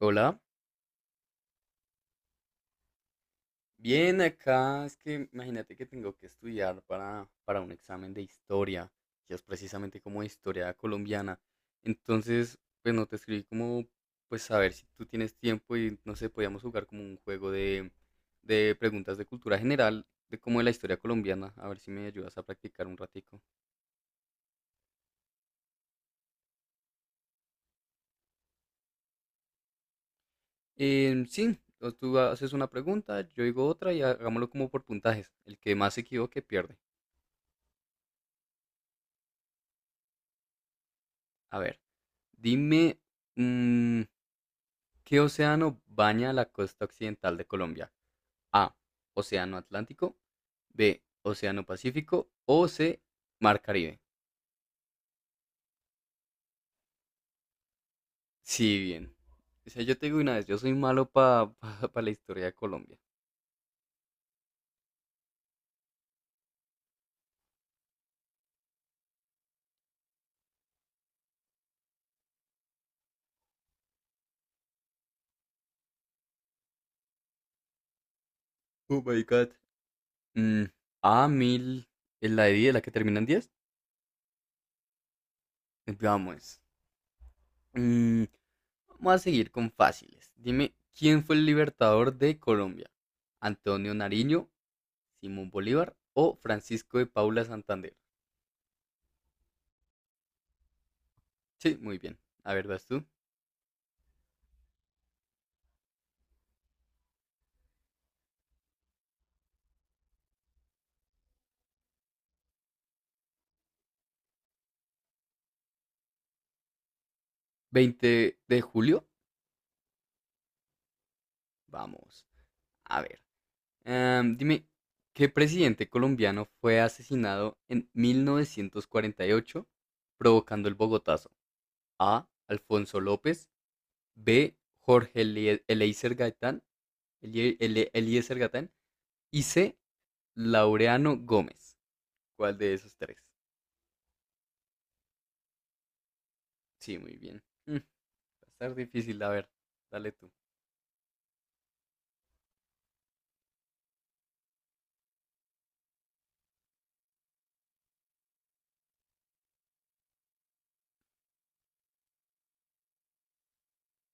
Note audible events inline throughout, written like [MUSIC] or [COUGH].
Hola, bien acá. Es que imagínate que tengo que estudiar para un examen de historia, que es precisamente como historia colombiana. Entonces, pues no te escribí como, pues a ver si tú tienes tiempo y no sé, podíamos jugar como un juego de preguntas de cultura general, de como de la historia colombiana. A ver si me ayudas a practicar un ratico. Sí, o tú haces una pregunta, yo digo otra y hagámoslo como por puntajes. El que más se equivoque pierde. A ver, dime. mm, ¿Qué océano baña la costa occidental de Colombia? A, océano Atlántico; B, océano Pacífico; o C, mar Caribe. Sí, bien. O sea, yo te digo una vez, yo soy malo para [LAUGHS] pa la historia de Colombia. Oh my god. Mm, A, 1000. ¿Es la de 10, la que termina en 10? Vamos. Mm, Vamos a seguir con fáciles. Dime, ¿quién fue el libertador de Colombia? ¿Antonio Nariño, Simón Bolívar o Francisco de Paula Santander? Sí, muy bien. A ver, vas tú. 20 de julio. Vamos. A ver. Dime, ¿qué presidente colombiano fue asesinado en 1948 provocando el Bogotazo? A, Alfonso López; B, Jorge Eliezer Gaitán. Eliezer Gaitán. Y C, Laureano Gómez. ¿Cuál de esos tres? Sí, muy bien. Va a estar difícil. A ver, dale tú.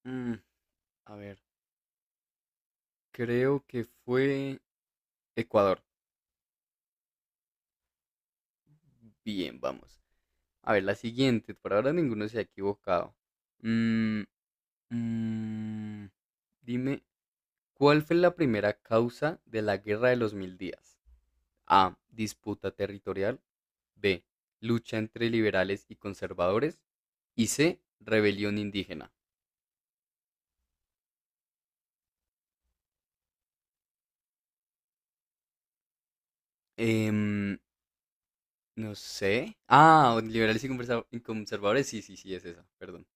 Mm, a ver, creo que fue Ecuador. Bien, vamos. A ver, la siguiente. Por ahora ninguno se ha equivocado. Mm, mm, Dime, ¿cuál fue la primera causa de la Guerra de los Mil Días? A, disputa territorial; B, lucha entre liberales y conservadores; y C, rebelión indígena. Em, no sé. Ah, liberales y conservadores. Sí, sí, sí, es esa. Perdón.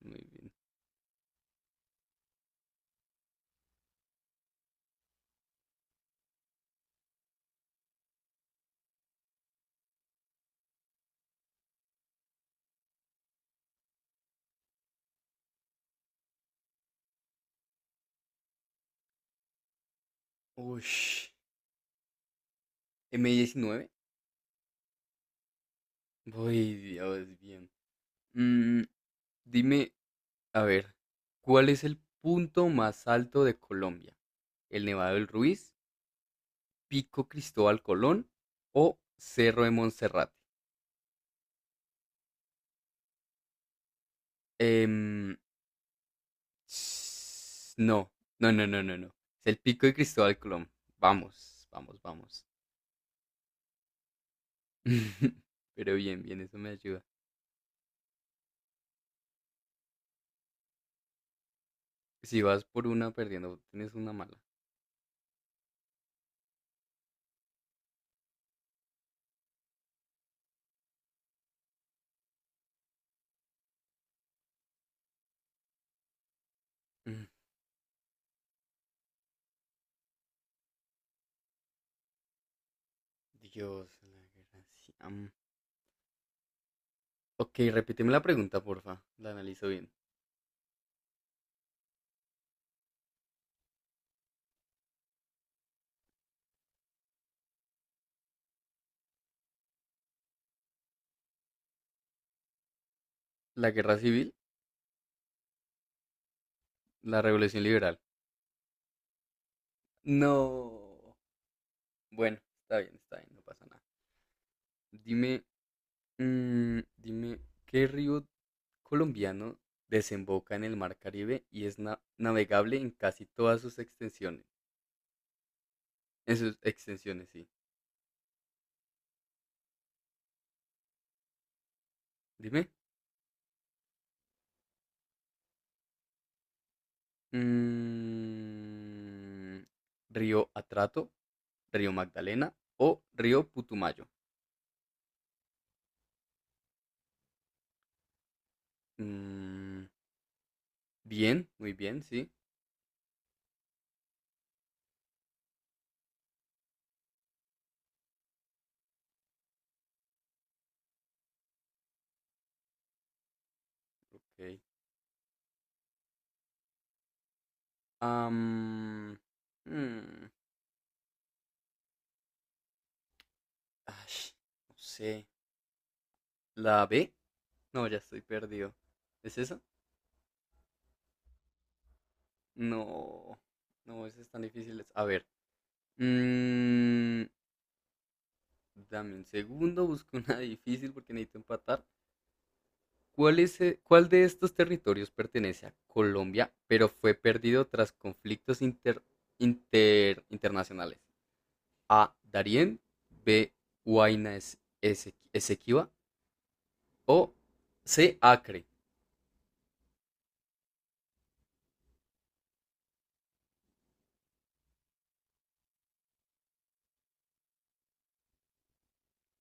Muy bien. Ush. M19. Uy, Dios, bien. Mm, Dime, a ver, ¿cuál es el punto más alto de Colombia? ¿El Nevado del Ruiz, Pico Cristóbal Colón o Cerro de Monserrate? Em, no, no. Es el Pico de Cristóbal Colón. Vamos. [LAUGHS] Pero bien, bien, eso me ayuda. Si vas por una perdiendo, tienes una mala. [LAUGHS] Mm, Dios, la guerra. Ci- am. Ok, repíteme la pregunta, porfa. La analizo bien. ¿La guerra civil? ¿La revolución liberal? No. Bueno, está bien, no pasa nada. Dime, dime, ¿qué río colombiano desemboca en el Mar Caribe y es navegable en casi todas sus extensiones? En sus extensiones, sí. Dime. Mm, ¿Río Atrato, Río Magdalena o Río Putumayo? Mm, Bien, muy bien, sí. Ok. Am, mm, Ay, no sé. ¿La B? No, ya estoy perdido. ¿Es esa? No. No, esa es tan difícil. A ver. mm, Dame un segundo, busco una [LAUGHS] difícil porque necesito empatar. ¿Cuál de estos territorios pertenece a Colombia, pero fue perdido tras conflictos internacionales? A, Darién; B, Esequiba; o C, Acre.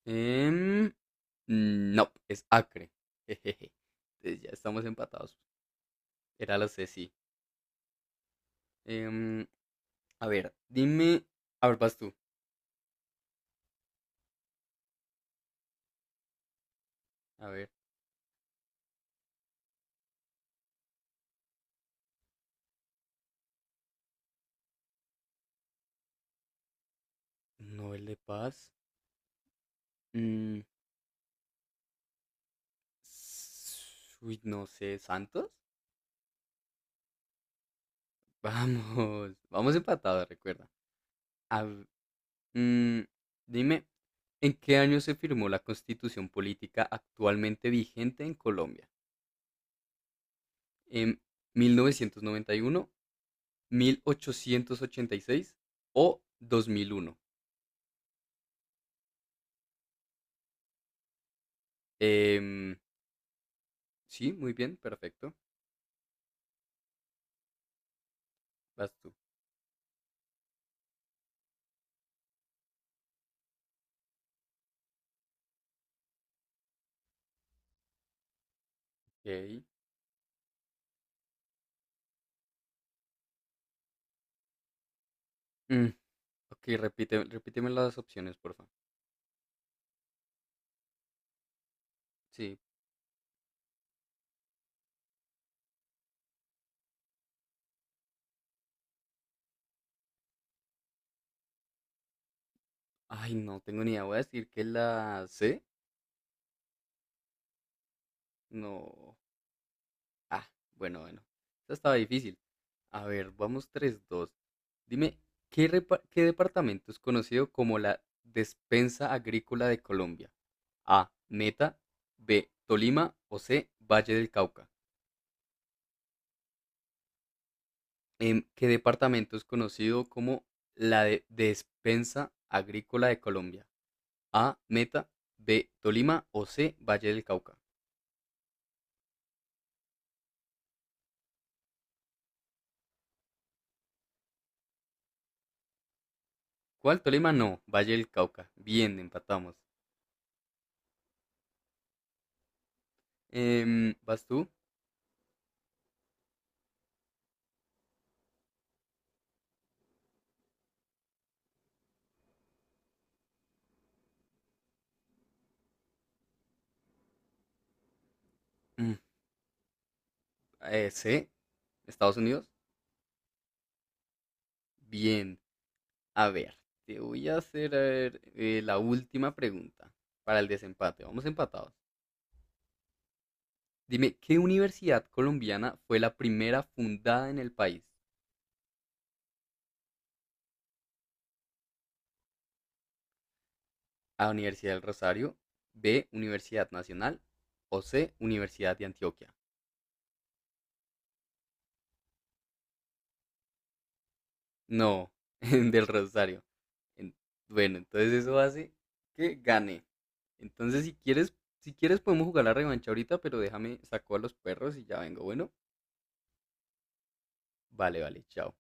Em, no, es Acre. [LAUGHS] Jejeje. Entonces ya estamos empatados. Era la C, sí. Em, a ver, dime. A ver, vas tú. A ver. Nobel de Paz. Mm, Uy, no sé, ¿Santos? [LAUGHS] Vamos, vamos empatados, recuerda. A v- mm, Dime, ¿en qué año se firmó la constitución política actualmente vigente en Colombia? ¿En 1991, 1886 o 2001? Em, sí, muy bien, perfecto. Vas tú. Ok. Mm, ok, repite, repíteme las opciones, por favor. Sí. Ay, no tengo ni idea. Voy a decir que la C. No. Ah, bueno, bueno. Esta estaba difícil. A ver, vamos 3-2. Dime, ¿qué departamento es conocido como la despensa agrícola de Colombia? A, Meta; B, Tolima; o C, Valle del Cauca. ¿Qué departamento es conocido como la de despensa agrícola de Colombia? A, Meta; B, Tolima o C, Valle del Cauca. ¿Cuál? Tolima no. Valle del Cauca. Bien, empatamos. ¿Vas tú? Mm, C, Estados Unidos. Bien. A ver, te voy a hacer a ver, la última pregunta para el desempate. Vamos empatados. Dime, ¿qué universidad colombiana fue la primera fundada en el país? A, Universidad del Rosario; B, Universidad Nacional; o C, Universidad de Antioquia. No, [LAUGHS] del Rosario. En- Bueno, entonces eso hace que gane. Entonces, si quieres, si quieres podemos jugar la revancha ahorita, pero déjame saco a los perros y ya vengo. Bueno, vale, vale, chao.